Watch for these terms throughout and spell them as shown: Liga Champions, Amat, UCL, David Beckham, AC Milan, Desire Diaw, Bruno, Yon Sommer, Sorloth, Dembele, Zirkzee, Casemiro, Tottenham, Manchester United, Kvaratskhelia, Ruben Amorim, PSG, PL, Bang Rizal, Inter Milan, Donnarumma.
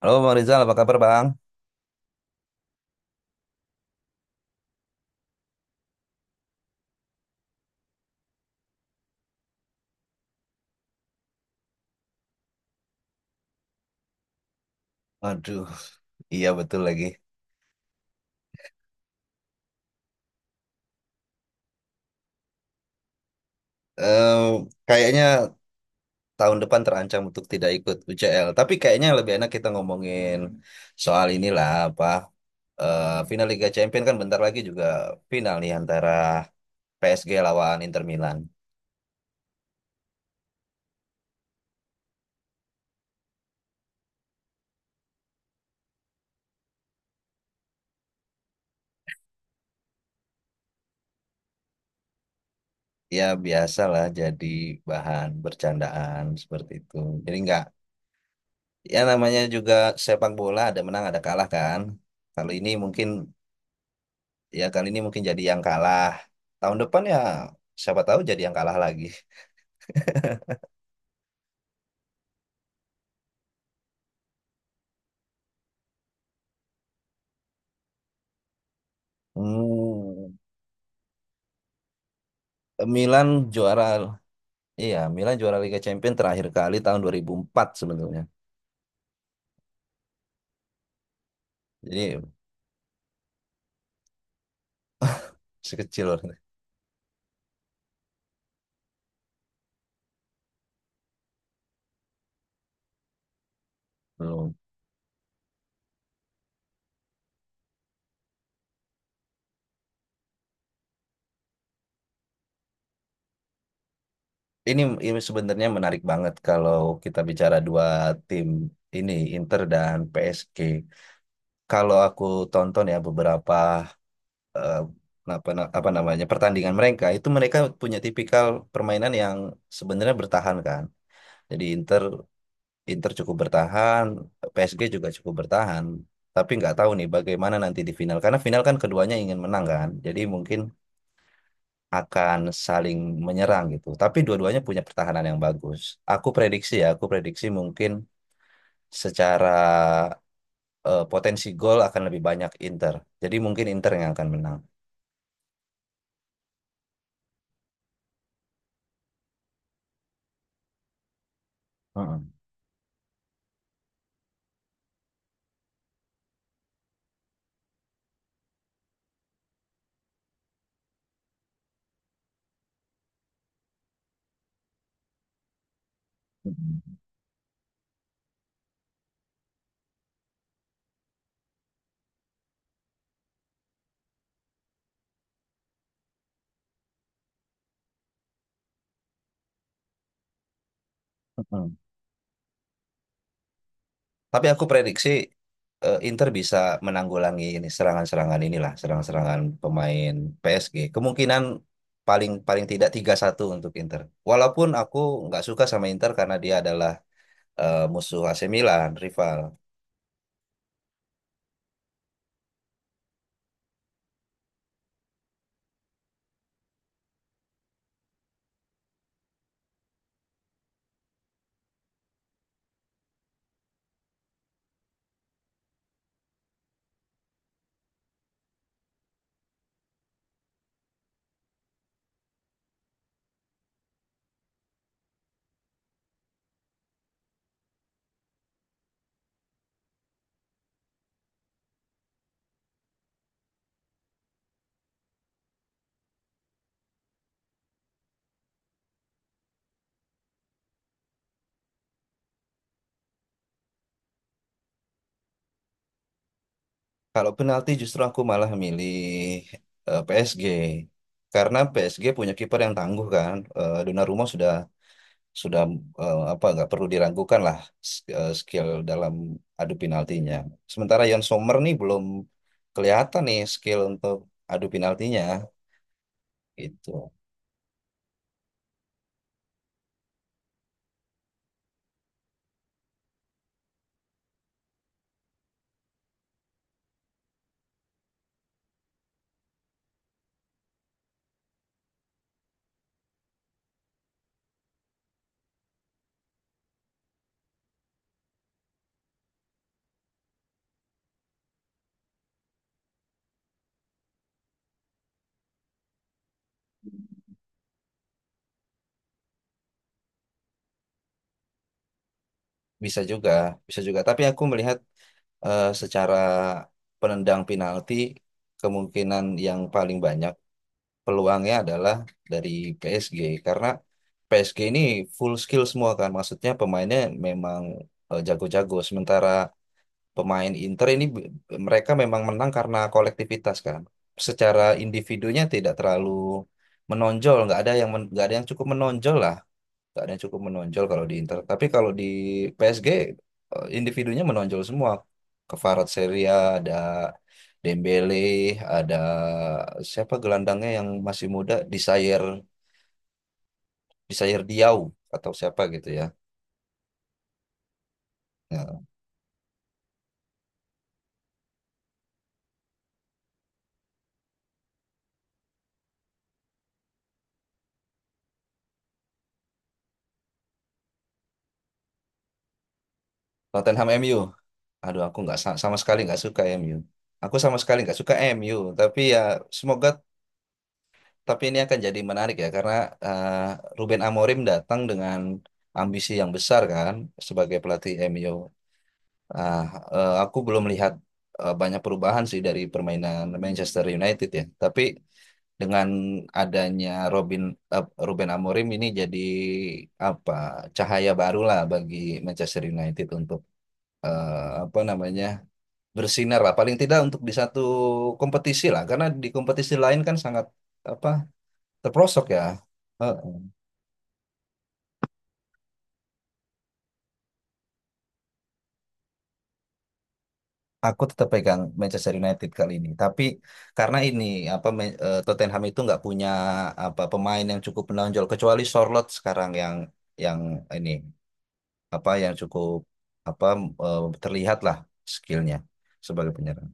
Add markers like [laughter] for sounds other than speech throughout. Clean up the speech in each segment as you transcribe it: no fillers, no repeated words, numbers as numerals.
Halo Bang Rizal, apa kabar Bang? Aduh, iya betul lagi. Eh, Kayaknya tahun depan terancam untuk tidak ikut UCL. Tapi kayaknya lebih enak kita ngomongin soal inilah final Liga Champions kan bentar lagi juga final nih antara PSG lawan Inter Milan. Ya biasalah jadi bahan bercandaan seperti itu. Jadi nggak, ya namanya juga sepak bola ada menang ada kalah kan. Kali ini mungkin Ya kali ini mungkin jadi yang kalah. Tahun depan ya siapa tahu jadi yang kalah lagi. Hmm, Milan juara. Iya, Milan juara Liga Champions terakhir kali tahun 2004 sebenarnya. Jadi sekecil loh. Belum. Ini ini sebenarnya menarik banget kalau kita bicara dua tim ini Inter dan PSG. Kalau aku tonton ya beberapa eh, apa apa namanya pertandingan mereka itu mereka punya tipikal permainan yang sebenarnya bertahan kan. Jadi Inter Inter cukup bertahan, PSG juga cukup bertahan. Tapi nggak tahu nih bagaimana nanti di final. Karena final kan keduanya ingin menang kan. Jadi mungkin akan saling menyerang gitu. Tapi dua-duanya punya pertahanan yang bagus. Aku prediksi mungkin secara potensi gol akan lebih banyak Inter. Jadi mungkin Inter yang akan menang. Heeh. Heeh. Tapi aku prediksi Inter bisa menanggulangi ini serangan-serangan inilah, serangan-serangan pemain PSG. Kemungkinan paling paling tidak 3-1 untuk Inter. Walaupun aku nggak suka sama Inter karena dia adalah musuh AC Milan, rival. Kalau penalti justru aku malah milih PSG. Karena PSG punya kiper yang tangguh kan. Donnarumma sudah apa nggak perlu diragukan lah skill dalam adu penaltinya. Sementara Yon Sommer nih belum kelihatan nih skill untuk adu penaltinya gitu. Bisa juga, bisa juga. Tapi aku melihat secara penendang penalti kemungkinan yang paling banyak peluangnya adalah dari PSG karena PSG ini full skill semua kan. Maksudnya pemainnya memang jago-jago. Sementara pemain Inter mereka memang menang karena kolektivitas kan. Secara individunya tidak terlalu menonjol, nggak ada yang cukup menonjol lah, nggak ada yang cukup menonjol kalau di Inter. Tapi kalau di PSG individunya menonjol semua. Kvaratskhelia ada Dembele, ada siapa gelandangnya yang masih muda, Desire Desire Diaw atau siapa gitu ya. Nah, Tottenham MU. Aduh, aku nggak sa- sama sekali nggak suka MU. Aku sama sekali nggak suka MU. Tapi ya semoga tapi ini akan jadi menarik ya karena eh, Ruben Amorim datang dengan ambisi yang besar kan sebagai pelatih MU. Ah, aku belum lihat banyak perubahan sih dari permainan Manchester United ya. Tapi dengan adanya Robin Ruben Amorim ini jadi apa cahaya barulah bagi Manchester United untuk apa namanya bersinar lah paling tidak untuk di satu kompetisi lah karena di kompetisi lain kan sangat apa terprosok ya. Eh, aku tetap pegang Manchester United kali ini tapi karena ini Tottenham itu nggak punya apa pemain yang cukup menonjol kecuali Sorloth sekarang yang ini apa yang cukup apa terlihat lah skillnya sebagai penyerang.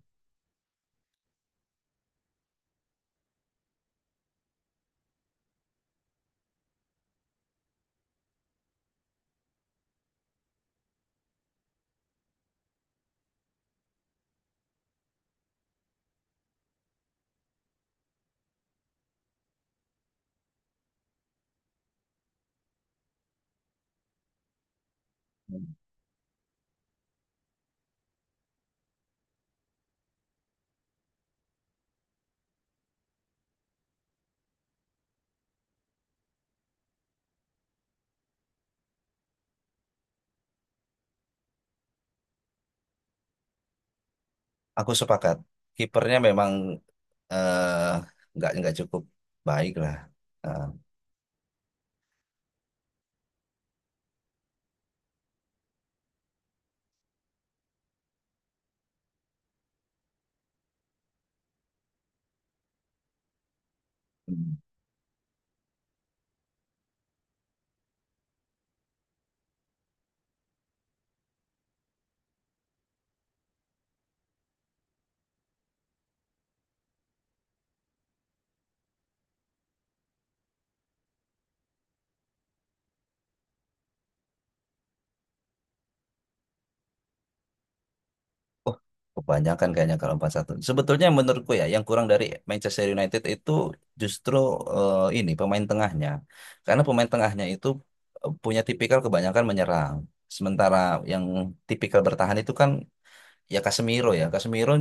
Aku sepakat kipernya memang eh, nggak cukup baik lah. Eh, Oh, kebanyakan kayaknya kalau 4-1. Sebetulnya menurutku ya, yang kurang dari Manchester United itu justru ini pemain tengahnya. Karena pemain tengahnya itu punya tipikal kebanyakan menyerang. Sementara yang tipikal bertahan itu kan ya. Casemiro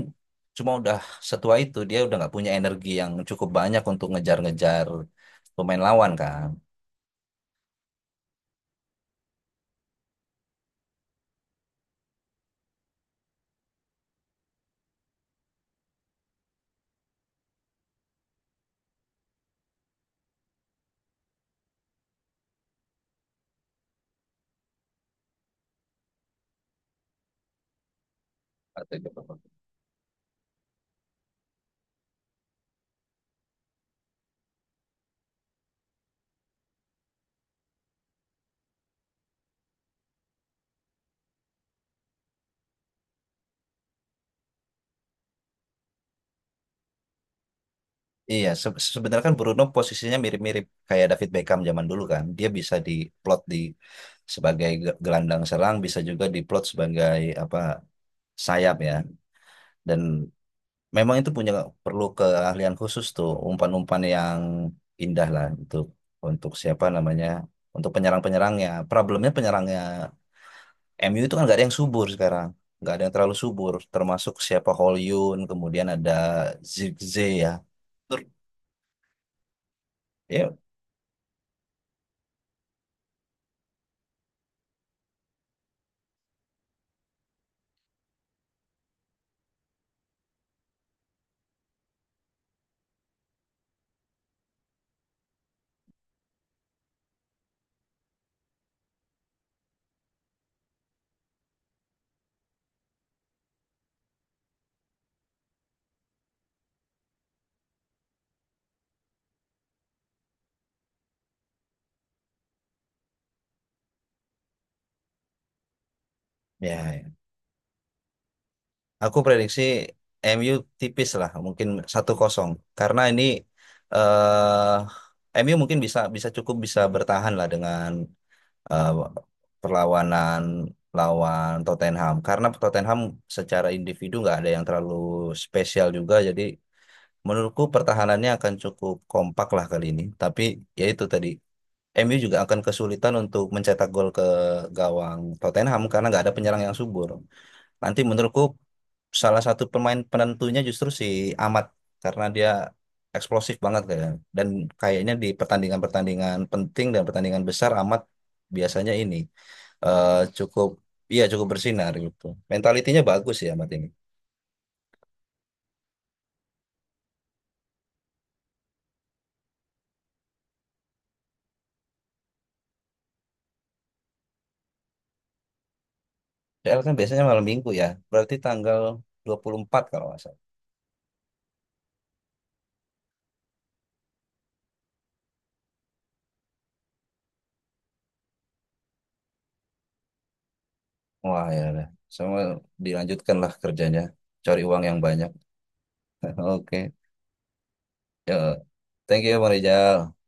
cuma udah setua itu, dia udah nggak punya energi yang cukup banyak untuk ngejar-ngejar pemain lawan kan. Atau gitu. Iya, sebenarnya kan Bruno posisinya mirip-mirip kayak David Beckham zaman dulu kan. Dia bisa diplot di sebagai gelandang serang, bisa juga diplot sebagai apa sayap ya. Dan memang itu punya perlu keahlian khusus tuh, umpan-umpan yang indah lah untuk siapa namanya, untuk penyerang-penyerangnya. Problemnya penyerangnya MU itu kan nggak ada yang subur sekarang, nggak ada yang terlalu subur. Termasuk siapa Hollywood, kemudian ada Zirkzee ya. Tur- Ya, ya, aku prediksi MU tipis lah, mungkin 1-0. Karena ini eh MU mungkin bisa bisa cukup bisa bertahan lah dengan eh, perlawanan lawan Tottenham. Karena Tottenham secara individu nggak ada yang terlalu spesial juga. Jadi menurutku pertahanannya akan cukup kompak lah kali ini. Tapi ya itu tadi MU juga akan kesulitan untuk mencetak gol ke gawang Tottenham karena nggak ada penyerang yang subur. Nanti menurutku salah satu pemain penentunya justru si Amat karena dia eksplosif banget kayaknya. Dan kayaknya di pertandingan-pertandingan penting dan pertandingan besar Amat biasanya ini eh, cukup iya cukup bersinar gitu. Mentalitinya bagus ya Amat ini. PL kan biasanya malam minggu ya. Berarti tanggal 24 kalau nggak salah. Wah ya udah. Sama dilanjutkan lah kerjanya. Cari uang yang banyak. [laughs] Oke. Ya. Thank you ya Bang Rijal.